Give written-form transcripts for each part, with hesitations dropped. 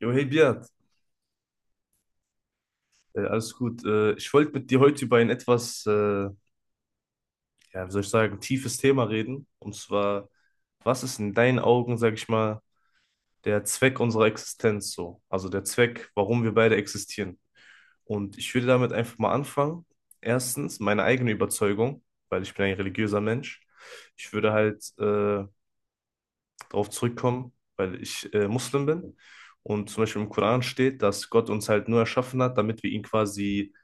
Jo, hey Beat, alles gut. Ich wollte mit dir heute über ein etwas, ja, wie soll ich sagen, tiefes Thema reden. Und zwar, was ist in deinen Augen, sag ich mal, der Zweck unserer Existenz so? Also der Zweck, warum wir beide existieren. Und ich würde damit einfach mal anfangen. Erstens, meine eigene Überzeugung, weil ich bin ein religiöser Mensch. Ich würde halt darauf zurückkommen, weil ich Muslim bin und zum Beispiel im Koran steht, dass Gott uns halt nur erschaffen hat, damit wir ihn quasi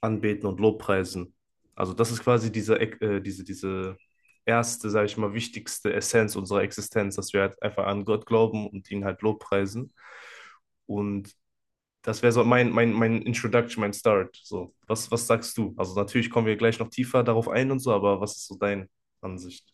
anbeten und lobpreisen. Also das ist quasi diese erste, sage ich mal, wichtigste Essenz unserer Existenz, dass wir halt einfach an Gott glauben und ihn halt lobpreisen. Und das wäre so mein Introduction, mein Start. So, was sagst du? Also natürlich kommen wir gleich noch tiefer darauf ein und so, aber was ist so deine Ansicht?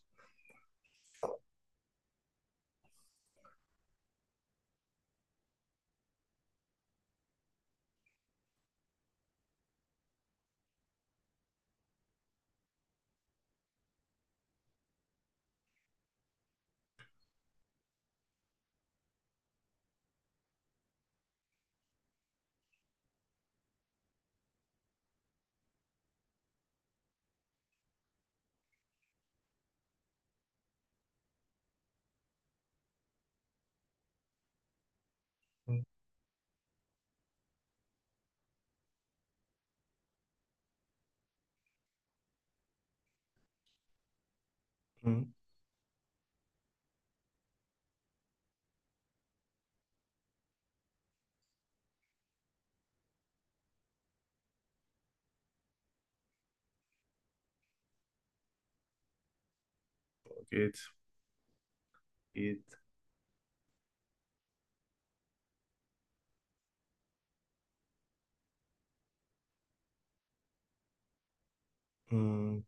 Mhm. Geht, geht. Hm,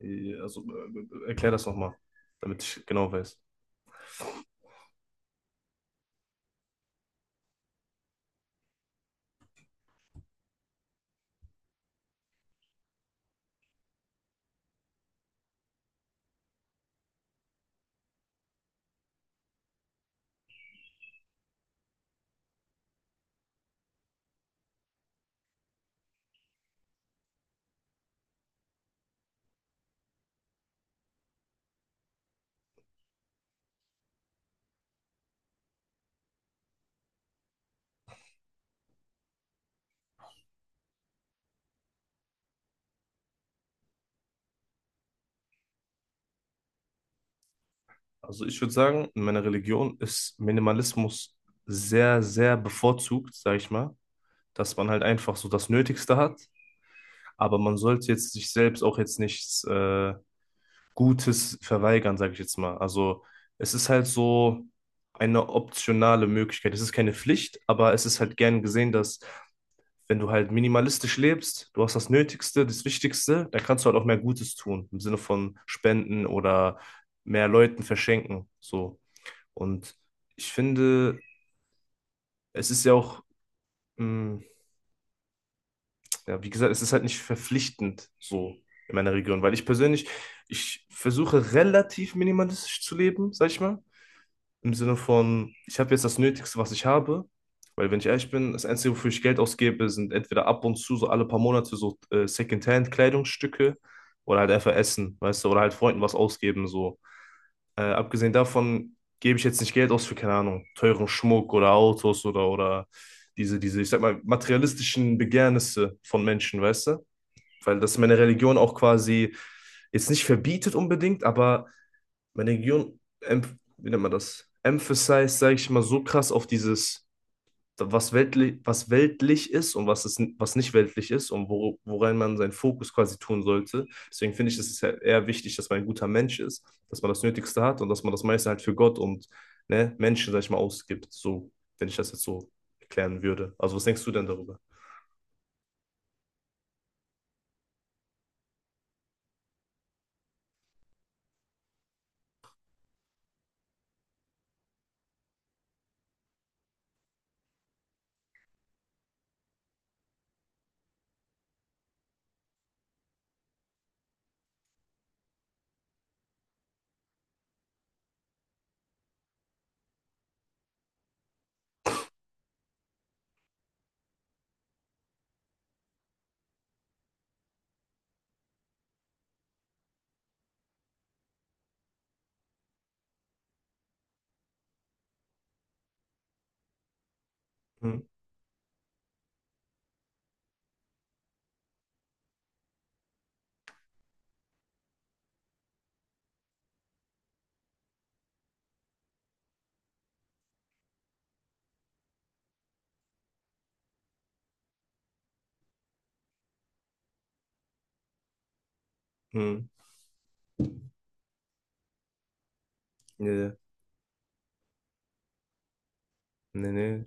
ja, also erklär das nochmal, damit ich genau weiß. Also ich würde sagen, in meiner Religion ist Minimalismus sehr, sehr bevorzugt, sage ich mal, dass man halt einfach so das Nötigste hat, aber man sollte jetzt sich selbst auch jetzt nichts Gutes verweigern, sage ich jetzt mal. Also es ist halt so eine optionale Möglichkeit. Es ist keine Pflicht, aber es ist halt gern gesehen, dass wenn du halt minimalistisch lebst, du hast das Nötigste, das Wichtigste, dann kannst du halt auch mehr Gutes tun, im Sinne von Spenden oder mehr Leuten verschenken, so. Und ich finde, es ist ja auch, mh, ja, wie gesagt, es ist halt nicht verpflichtend, so in meiner Region, weil ich persönlich, ich versuche relativ minimalistisch zu leben, sag ich mal. Im Sinne von, ich habe jetzt das Nötigste, was ich habe, weil wenn ich ehrlich bin, das Einzige, wofür ich Geld ausgebe, sind entweder ab und zu, so alle paar Monate, so Secondhand-Kleidungsstücke oder halt einfach Essen, weißt du, oder halt Freunden was ausgeben, so. Abgesehen davon gebe ich jetzt nicht Geld aus für, keine Ahnung, teuren Schmuck oder Autos oder diese, ich sag mal, materialistischen Begehrnisse von Menschen, weißt du? Weil das meine Religion auch quasi jetzt nicht verbietet unbedingt, aber meine Region, wie nennt man das? Emphasized, sage ich mal, so krass auf dieses, was weltlich ist und was nicht weltlich ist und woran man seinen Fokus quasi tun sollte. Deswegen finde ich, es ist halt eher wichtig, dass man ein guter Mensch ist, dass man das Nötigste hat und dass man das meiste halt für Gott und ne, Menschen, sage ich mal, ausgibt. So, wenn ich das jetzt so erklären würde. Also, was denkst du denn darüber? Hm, hm, nee, nee, nee.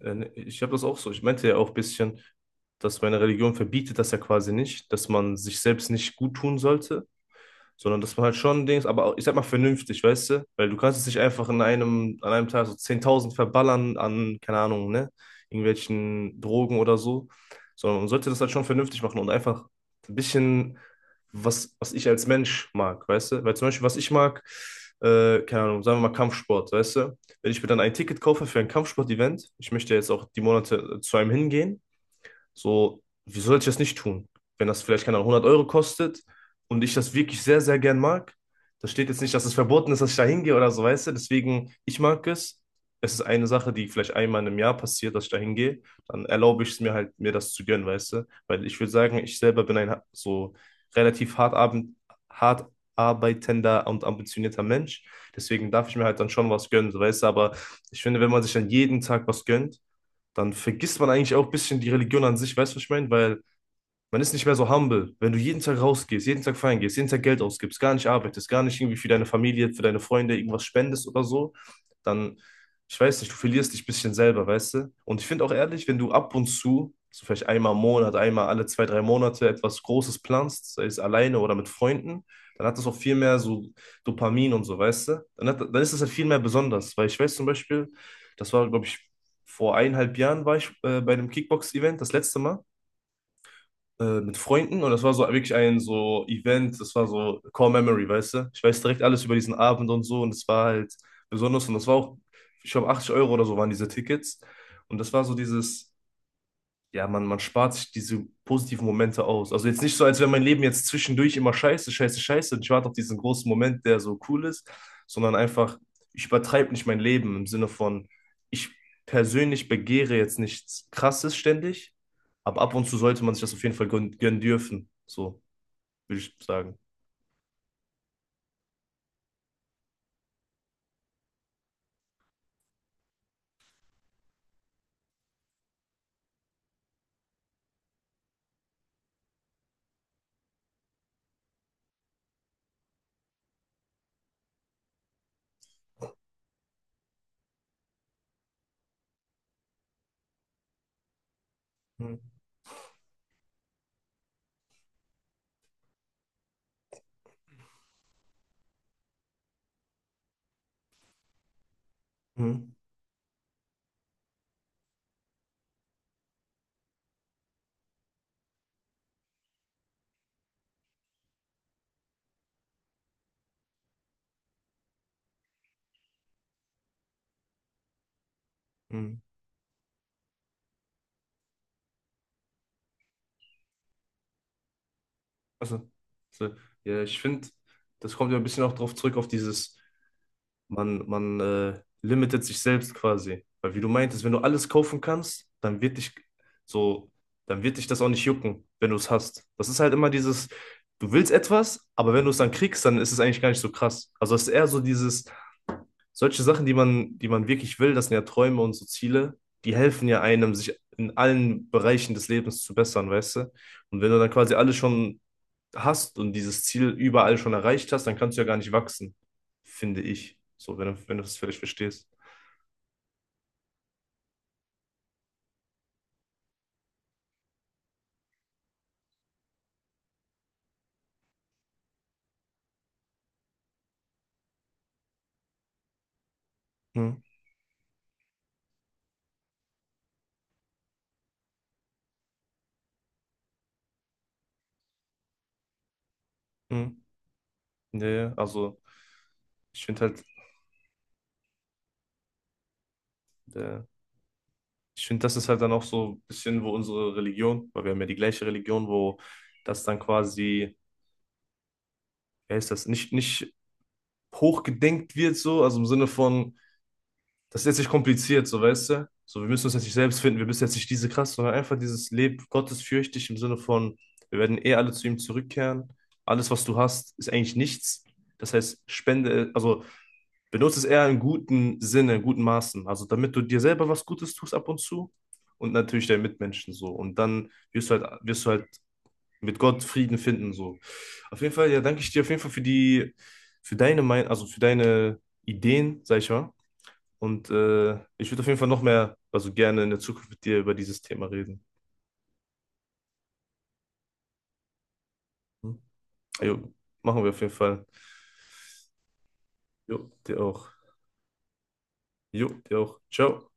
Ne, ich habe das auch so. Ich meinte ja auch ein bisschen, dass meine Religion verbietet das ja quasi nicht, dass man sich selbst nicht gut tun sollte, sondern das war halt schon Dings, aber ich sag mal vernünftig, weißt du? Weil du kannst es nicht einfach an einem Tag so 10.000 verballern an, keine Ahnung, ne? Irgendwelchen Drogen oder so, sondern man sollte das halt schon vernünftig machen und einfach ein bisschen, was ich als Mensch mag, weißt du? Weil zum Beispiel, was ich mag, keine Ahnung, sagen wir mal Kampfsport, weißt du? Wenn ich mir dann ein Ticket kaufe für ein Kampfsport-Event, ich möchte jetzt auch die Monate zu einem hingehen, so, wieso sollte ich das nicht tun? Wenn das vielleicht, keine Ahnung, 100 € kostet und ich das wirklich sehr, sehr gern mag, da steht jetzt nicht, dass es verboten ist, dass ich da hingehe oder so, weißt du? Deswegen, ich mag es. Es ist eine Sache, die vielleicht einmal im Jahr passiert, dass ich da hingehe. Dann erlaube ich es mir halt, mir das zu gönnen, weißt du? Weil ich würde sagen, ich selber bin so relativ hart arbeitender und ambitionierter Mensch. Deswegen darf ich mir halt dann schon was gönnen, so, weißt du? Aber ich finde, wenn man sich dann jeden Tag was gönnt, dann vergisst man eigentlich auch ein bisschen die Religion an sich, weißt du, was ich meine? Weil man ist nicht mehr so humble. Wenn du jeden Tag rausgehst, jeden Tag feiern gehst, jeden Tag Geld ausgibst, gar nicht arbeitest, gar nicht irgendwie für deine Familie, für deine Freunde irgendwas spendest oder so, dann, ich weiß nicht, du verlierst dich ein bisschen selber, weißt du? Und ich finde auch ehrlich, wenn du ab und zu, so vielleicht einmal im Monat, einmal alle zwei, drei Monate etwas Großes planst, sei es alleine oder mit Freunden, dann hat das auch viel mehr so Dopamin und so, weißt du? Dann ist das halt viel mehr besonders, weil ich weiß zum Beispiel, das war, glaube ich, vor 1,5 Jahren war ich bei einem Kickbox-Event, das letzte Mal mit Freunden und das war so wirklich ein so Event, das war so Core Memory, weißt du? Ich weiß direkt alles über diesen Abend und so und es war halt besonders und das war auch, ich glaube, 80 € oder so waren diese Tickets und das war so dieses ja, man spart sich diese positiven Momente aus. Also jetzt nicht so, als wäre mein Leben jetzt zwischendurch immer scheiße, scheiße, scheiße und ich warte auf diesen großen Moment, der so cool ist, sondern einfach, ich übertreibe nicht mein Leben im Sinne von, ich persönlich begehre jetzt nichts Krasses ständig, aber ab und zu sollte man sich das auf jeden Fall gönnen dürfen, so würde ich sagen. Hm, hm, hm. Also, so, ja, ich finde, das kommt ja ein bisschen auch drauf zurück auf dieses Man limitet sich selbst quasi. Weil wie du meintest, wenn du alles kaufen kannst, so, dann wird dich das auch nicht jucken, wenn du es hast. Das ist halt immer dieses, du willst etwas, aber wenn du es dann kriegst, dann ist es eigentlich gar nicht so krass. Also es ist eher so dieses, solche Sachen, die man wirklich will, das sind ja Träume und so Ziele, die helfen ja einem, sich in allen Bereichen des Lebens zu bessern, weißt du? Und wenn du dann quasi alles schon hast und dieses Ziel überall schon erreicht hast, dann kannst du ja gar nicht wachsen, finde ich. So, wenn du das völlig verstehst. Hm, hm. Ja, ja, also ich finde halt, äh, das ist halt dann auch so ein bisschen, wo unsere Religion, weil wir haben ja die gleiche Religion, wo das dann quasi, wie heißt das, nicht hochgedenkt wird, so, also im Sinne von, das ist jetzt nicht kompliziert, so weißt du? So, wir müssen uns jetzt nicht selbst finden, wir müssen jetzt nicht diese krass, sondern einfach dieses Leben gottesfürchtig im Sinne von, wir werden eh alle zu ihm zurückkehren. Alles, was du hast, ist eigentlich nichts. Das heißt, spende, also benutze es eher in guten Sinne, in guten Maßen. Also damit du dir selber was Gutes tust ab und zu und natürlich deinen Mitmenschen so. Und dann wirst du halt, mit Gott Frieden finden so. Auf jeden Fall, ja, danke ich dir auf jeden Fall für deine Meinung, also für deine Ideen, sag ich mal. Und ich würde auf jeden Fall noch mehr, also gerne in der Zukunft mit dir über dieses Thema reden. Hm? Jo, machen wir auf jeden Fall. Jo, dir auch. Jo, dir auch. Ciao.